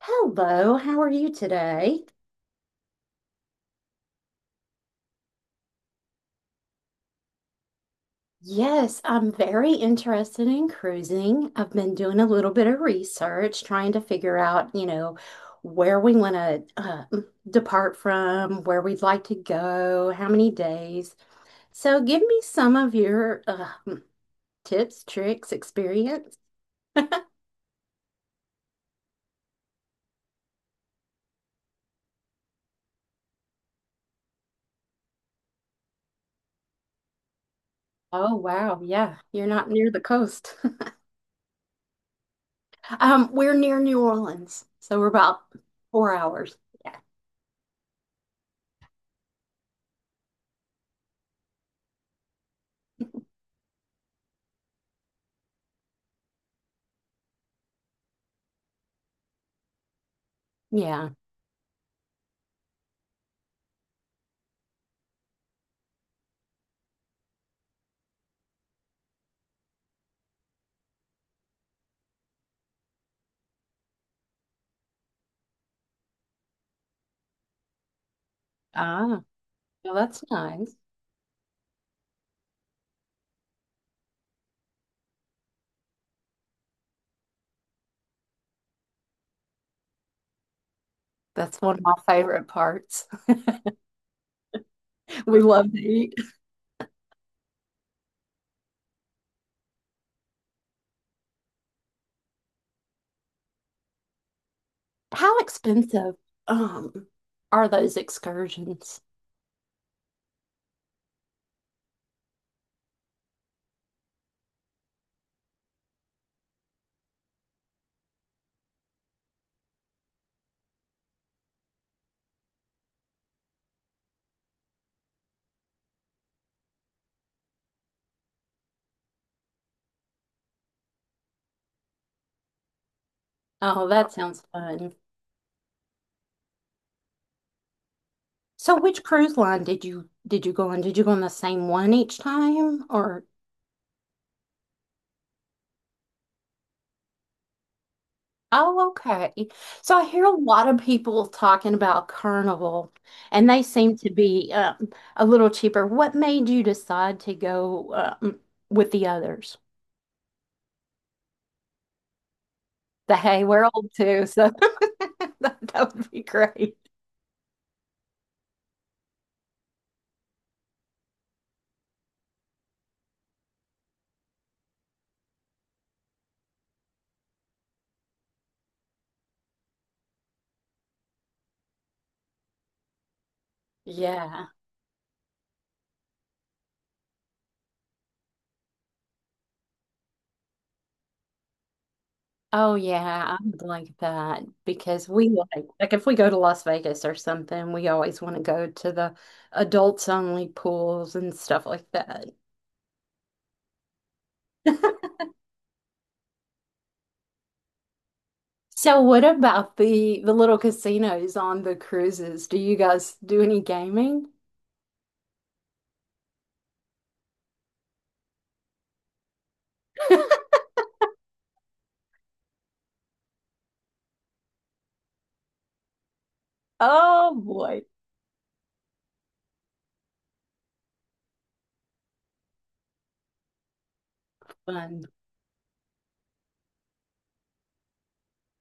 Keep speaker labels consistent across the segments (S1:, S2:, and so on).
S1: Hello, how are you today? Yes, I'm very interested in cruising. I've been doing a little bit of research, trying to figure out, you know, where we want to depart from, where we'd like to go, how many days. So give me some of your tips, tricks, experience. Oh, wow. Yeah, you're not near the coast. We're near New Orleans, so we're about 4 hours. Yeah. Yeah. Ah, well, that's nice. That's one of my favorite parts. We love to eat. How expensive um are those excursions? Oh, that sounds fun. So which cruise line did you go on? Did you go on the same one each time or? Oh, okay. So I hear a lot of people talking about Carnival, and they seem to be a little cheaper. What made you decide to go um, with the others? The hey, we're old too, so that would be great. Yeah. Oh yeah, I'm like that because we like if we go to Las Vegas or something, we always want to go to the adults only pools and stuff like that. So what about the little casinos on the cruises? Do you guys do any gaming? Oh boy. Fun.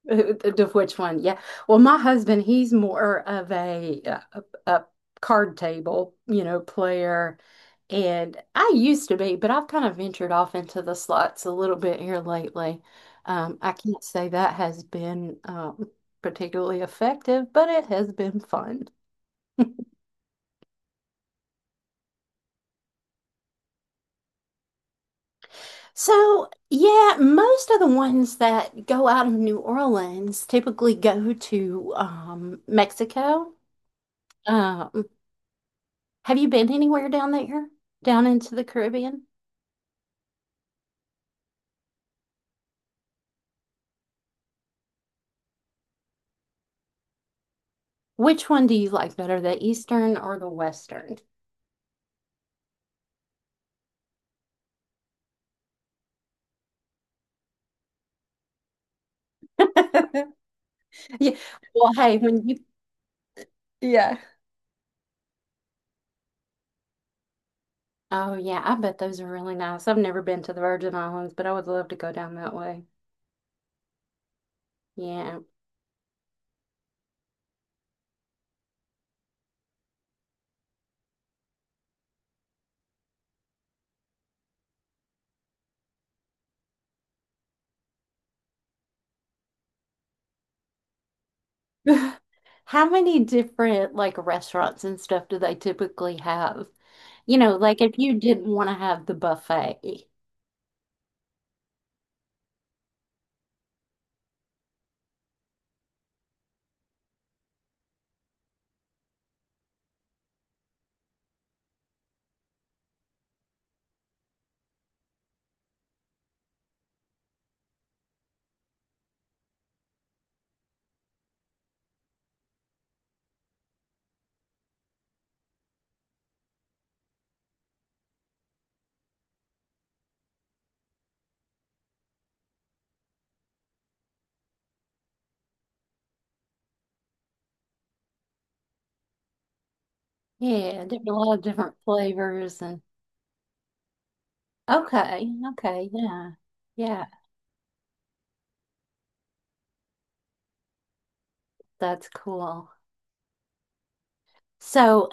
S1: Of which one? Yeah. Well, my husband, he's more of a card table, you know, player. And I used to be, but I've kind of ventured off into the slots a little bit here lately. I can't say that has been particularly effective, but it has been fun. So, yeah, most of the ones that go out of New Orleans typically go to Mexico. Um, Have you been anywhere down there? Down into the Caribbean? Which one do you like better, the Eastern or the Western? Yeah. Well, hey, when you— Yeah. Oh yeah, I bet those are really nice. I've never been to the Virgin Islands, but I would love to go down that way. Yeah. How many different like restaurants and stuff do they typically have? You know, like if you didn't want to have the buffet. Yeah, there's a lot of different flavors and okay, okay, yeah. Yeah, that's cool. So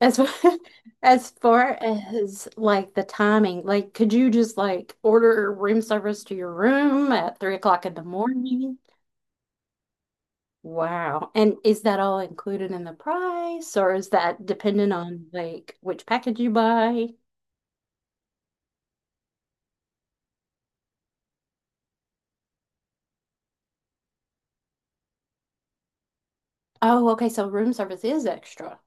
S1: as as far as like the timing, like could you just like order room service to your room at 3 o'clock in the morning? Wow. And is that all included in the price or is that dependent on like which package you buy? Oh, okay, so room service is extra.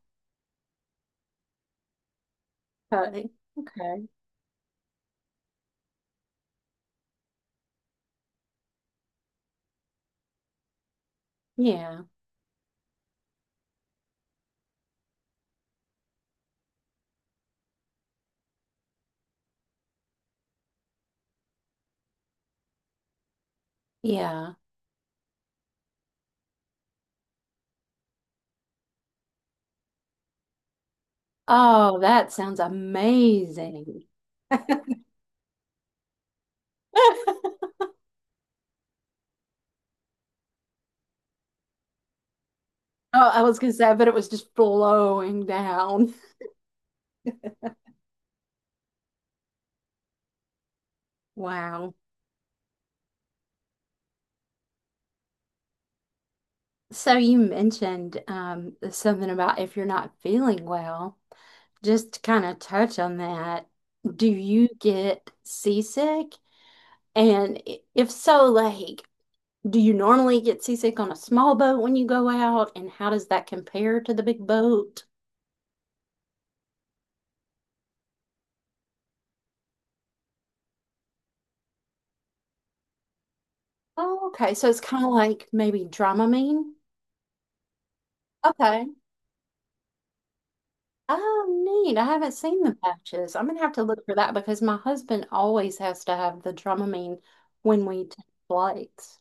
S1: Okay. Okay. Yeah. Yeah. Oh, that sounds amazing. Oh, I was gonna say, but it was just flowing down. Wow. So you mentioned something about if you're not feeling well, just to kind of touch on that, do you get seasick? And if so, like, do you normally get seasick on a small boat when you go out? And how does that compare to the big boat? Oh, okay. So it's kind of like maybe Dramamine. Okay. Oh, neat. I haven't seen the patches. I'm gonna have to look for that because my husband always has to have the Dramamine when we take flights.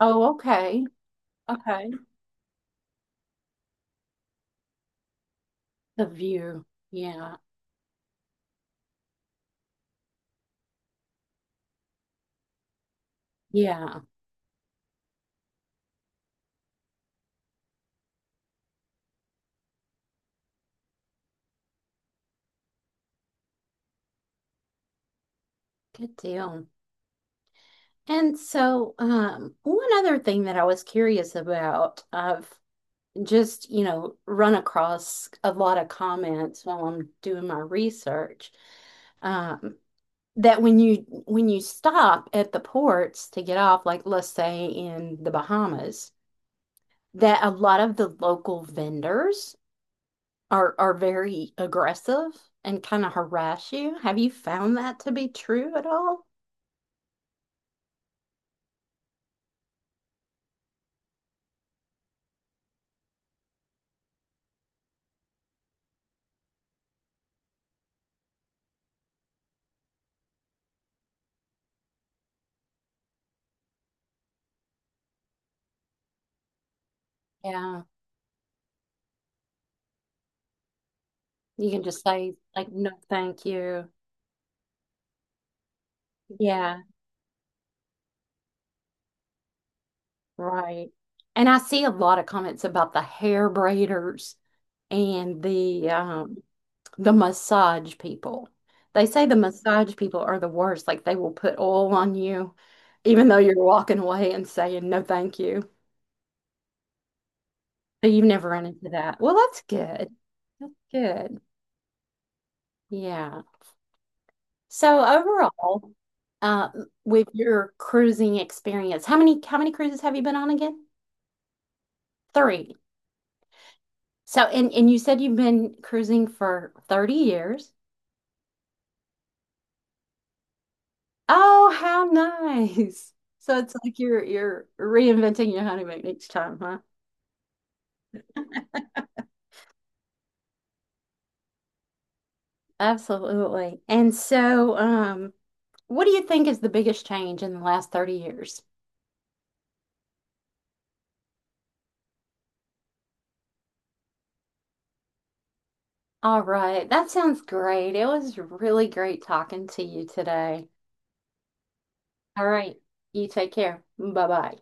S1: Oh, okay. Okay. The view. Yeah. Yeah. Good deal. And so, one other thing that I was curious about, I've just, you know, run across a lot of comments while I'm doing my research, um, that when you stop at the ports to get off, like let's say in the Bahamas, that a lot of the local vendors are very aggressive and kind of harass you. Have you found that to be true at all? Yeah. You can just say like no thank you. Yeah, right. And I see a lot of comments about the hair braiders and the massage people. They say the massage people are the worst. Like they will put oil on you even though you're walking away and saying no thank you. So you've never run into that. Well, that's good. That's good. Yeah. So overall, uh, with your cruising experience, how many cruises have you been on again? Three. So and you said you've been cruising for 30 years. Oh, how nice. So it's like you're reinventing your honeymoon each time, huh? Absolutely. And so, what do you think is the biggest change in the last 30 years? All right, that sounds great. It was really great talking to you today. All right, you take care. Bye-bye.